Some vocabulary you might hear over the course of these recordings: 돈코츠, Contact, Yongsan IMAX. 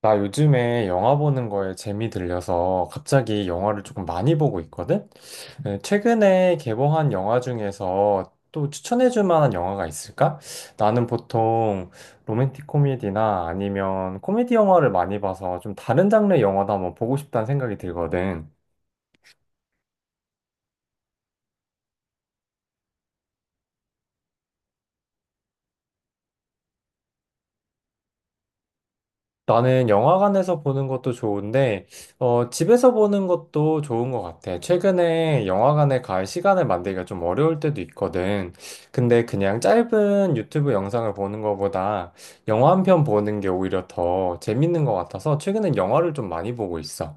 나 요즘에 영화 보는 거에 재미 들려서 갑자기 영화를 조금 많이 보고 있거든? 네, 최근에 개봉한 영화 중에서 또 추천해줄 만한 영화가 있을까? 나는 보통 로맨틱 코미디나 아니면 코미디 영화를 많이 봐서 좀 다른 장르의 영화도 한번 보고 싶다는 생각이 들거든. 나는 영화관에서 보는 것도 좋은데, 집에서 보는 것도 좋은 것 같아. 최근에 영화관에 갈 시간을 만들기가 좀 어려울 때도 있거든. 근데 그냥 짧은 유튜브 영상을 보는 것보다 영화 한 편 보는 게 오히려 더 재밌는 것 같아서 최근엔 영화를 좀 많이 보고 있어.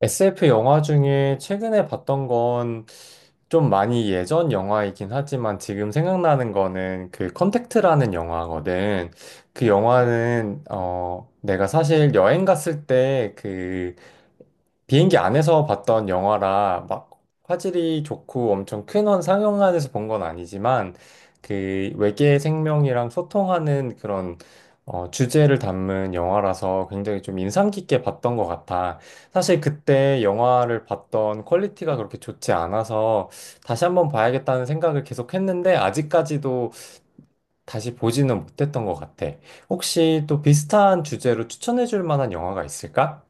SF 영화 중에 최근에 봤던 건 좀 많이 예전 영화이긴 하지만 지금 생각나는 거는 그 컨택트라는 영화거든. 그 영화는 내가 사실 여행 갔을 때그 비행기 안에서 봤던 영화라 막 화질이 좋고 엄청 큰 원 상영관에서 본 건 아니지만 그 외계 생명이랑 소통하는 그런 주제를 담은 영화라서 굉장히 좀 인상 깊게 봤던 것 같아. 사실 그때 영화를 봤던 퀄리티가 그렇게 좋지 않아서 다시 한번 봐야겠다는 생각을 계속 했는데 아직까지도 다시 보지는 못했던 것 같아. 혹시 또 비슷한 주제로 추천해 줄 만한 영화가 있을까?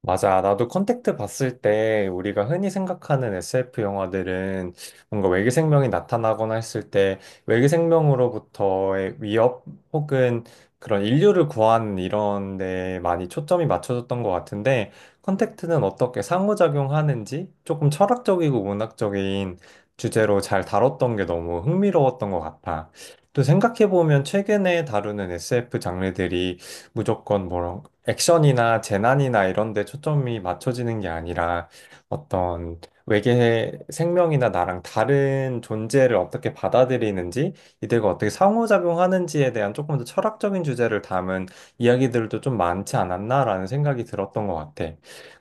맞아. 나도 컨택트 봤을 때 우리가 흔히 생각하는 SF 영화들은 뭔가 외계 생명이 나타나거나 했을 때 외계 생명으로부터의 위협 혹은 그런 인류를 구하는 이런 데 많이 초점이 맞춰졌던 것 같은데, 컨택트는 어떻게 상호작용하는지 조금 철학적이고 문학적인 주제로 잘 다뤘던 게 너무 흥미로웠던 것 같아. 또 생각해보면 최근에 다루는 SF 장르들이 무조건 뭐라 액션이나 재난이나 이런 데 초점이 맞춰지는 게 아니라 어떤 외계 생명이나 나랑 다른 존재를 어떻게 받아들이는지, 이들과 어떻게 상호작용하는지에 대한 조금 더 철학적인 주제를 담은 이야기들도 좀 많지 않았나라는 생각이 들었던 것 같아.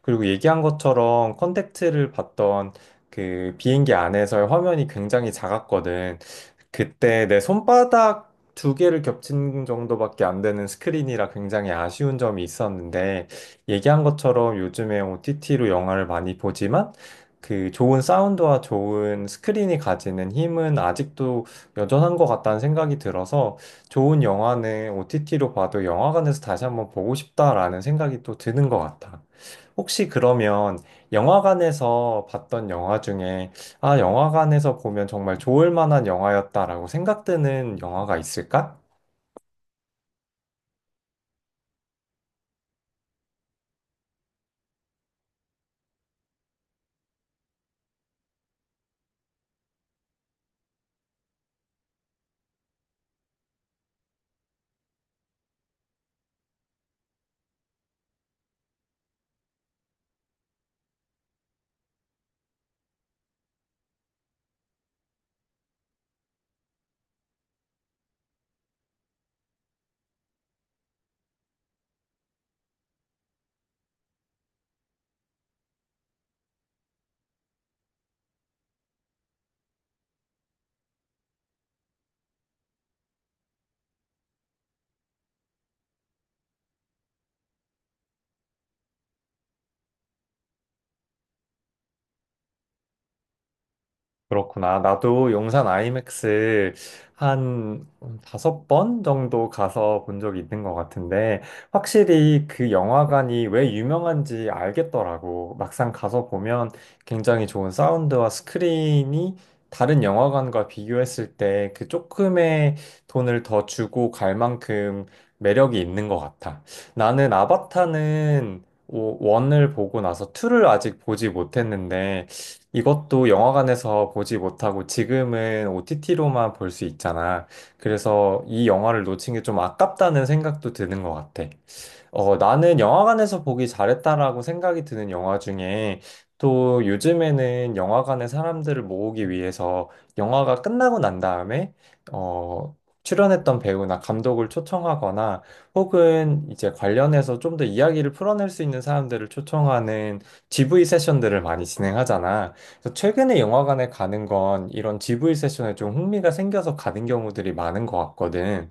그리고 얘기한 것처럼 컨택트를 봤던 그 비행기 안에서의 화면이 굉장히 작았거든. 그때 내 손바닥 두 개를 겹친 정도밖에 안 되는 스크린이라 굉장히 아쉬운 점이 있었는데, 얘기한 것처럼 요즘에 OTT로 영화를 많이 보지만, 그 좋은 사운드와 좋은 스크린이 가지는 힘은 아직도 여전한 것 같다는 생각이 들어서, 좋은 영화는 OTT로 봐도 영화관에서 다시 한번 보고 싶다라는 생각이 또 드는 것 같아. 혹시 그러면 영화관에서 봤던 영화 중에 아, 영화관에서 보면 정말 좋을 만한 영화였다라고 생각되는 영화가 있을까? 그렇구나. 나도 용산 아이맥스 한 5번 정도 가서 본 적이 있는 것 같은데, 확실히 그 영화관이 왜 유명한지 알겠더라고. 막상 가서 보면 굉장히 좋은 사운드와 스크린이 다른 영화관과 비교했을 때 그 조금의 돈을 더 주고 갈 만큼 매력이 있는 것 같아. 나는 아바타는 원을 보고 나서 투를 아직 보지 못했는데, 이것도 영화관에서 보지 못하고 지금은 OTT로만 볼 수 있잖아. 그래서 이 영화를 놓친 게 좀 아깝다는 생각도 드는 것 같아. 나는 영화관에서 보기 잘했다라고 생각이 드는 영화 중에 또 요즘에는 영화관에 사람들을 모으기 위해서 영화가 끝나고 난 다음에 어, 출연했던 배우나 감독을 초청하거나 혹은 이제 관련해서 좀 더 이야기를 풀어낼 수 있는 사람들을 초청하는 GV 세션들을 많이 진행하잖아. 그래서 최근에 영화관에 가는 건 이런 GV 세션에 좀 흥미가 생겨서 가는 경우들이 많은 것 같거든.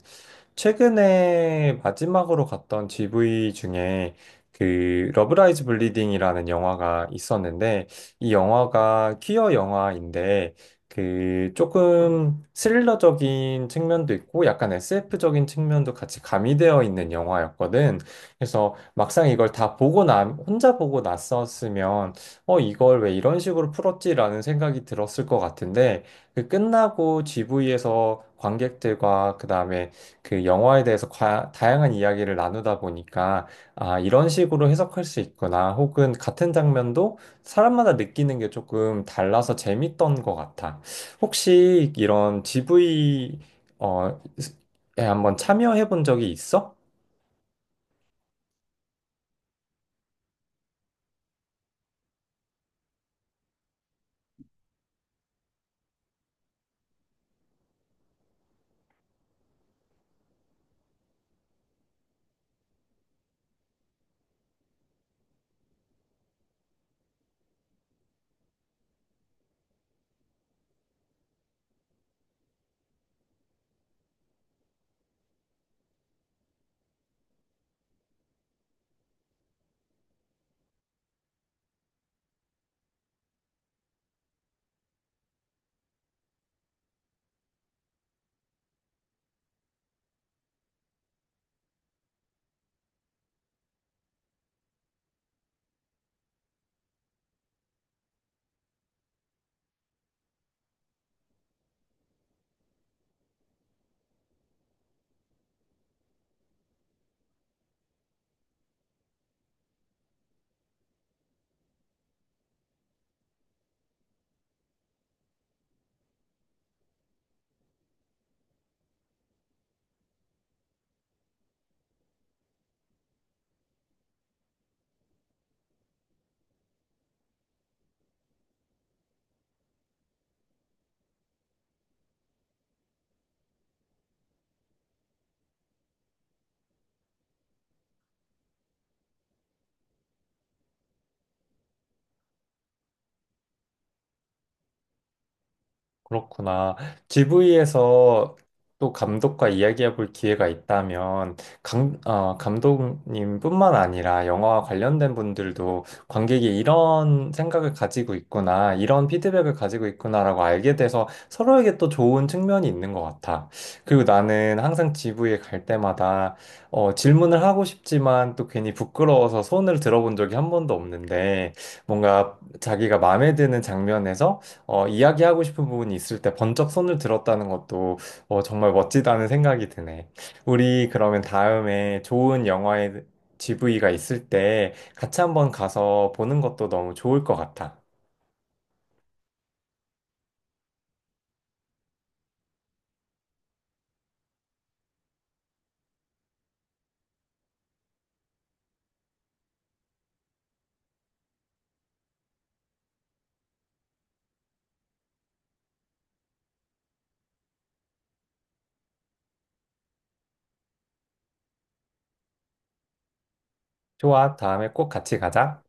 최근에 마지막으로 갔던 GV 중에 그 러브라이즈 블리딩이라는 영화가 있었는데, 이 영화가 퀴어 영화인데 그 조금 스릴러적인 측면도 있고 약간 SF적인 측면도 같이 가미되어 있는 영화였거든. 그래서 막상 이걸 다 보고 나 혼자 보고 났었으면 이걸 왜 이런 식으로 풀었지라는 생각이 들었을 것 같은데, 그 끝나고 GV에서 관객들과 그다음에 그 영화에 대해서 다양한 이야기를 나누다 보니까 아, 이런 식으로 해석할 수 있구나. 혹은 같은 장면도 사람마다 느끼는 게 조금 달라서 재밌던 것 같아. 혹시 이런 GV 어, 에 한번 참여해 본 적이 있어? 그렇구나. GV에서 또 감독과 이야기해 볼 기회가 있다면, 감독님뿐만 아니라 영화와 관련된 분들도 관객이 이런 생각을 가지고 있구나, 이런 피드백을 가지고 있구나라고 알게 돼서 서로에게 또 좋은 측면이 있는 것 같아. 그리고 나는 항상 GV에 갈 때마다 질문을 하고 싶지만 또 괜히 부끄러워서 손을 들어본 적이 한 번도 없는데, 뭔가 자기가 마음에 드는 장면에서 이야기하고 싶은 부분이 있을 때 번쩍 손을 들었다는 것도 정말 멋지다는 생각이 드네. 우리 그러면 다음에 좋은 영화의 GV가 있을 때 같이 한번 가서 보는 것도 너무 좋을 것 같아. 좋아, 다음에 꼭 같이 가자.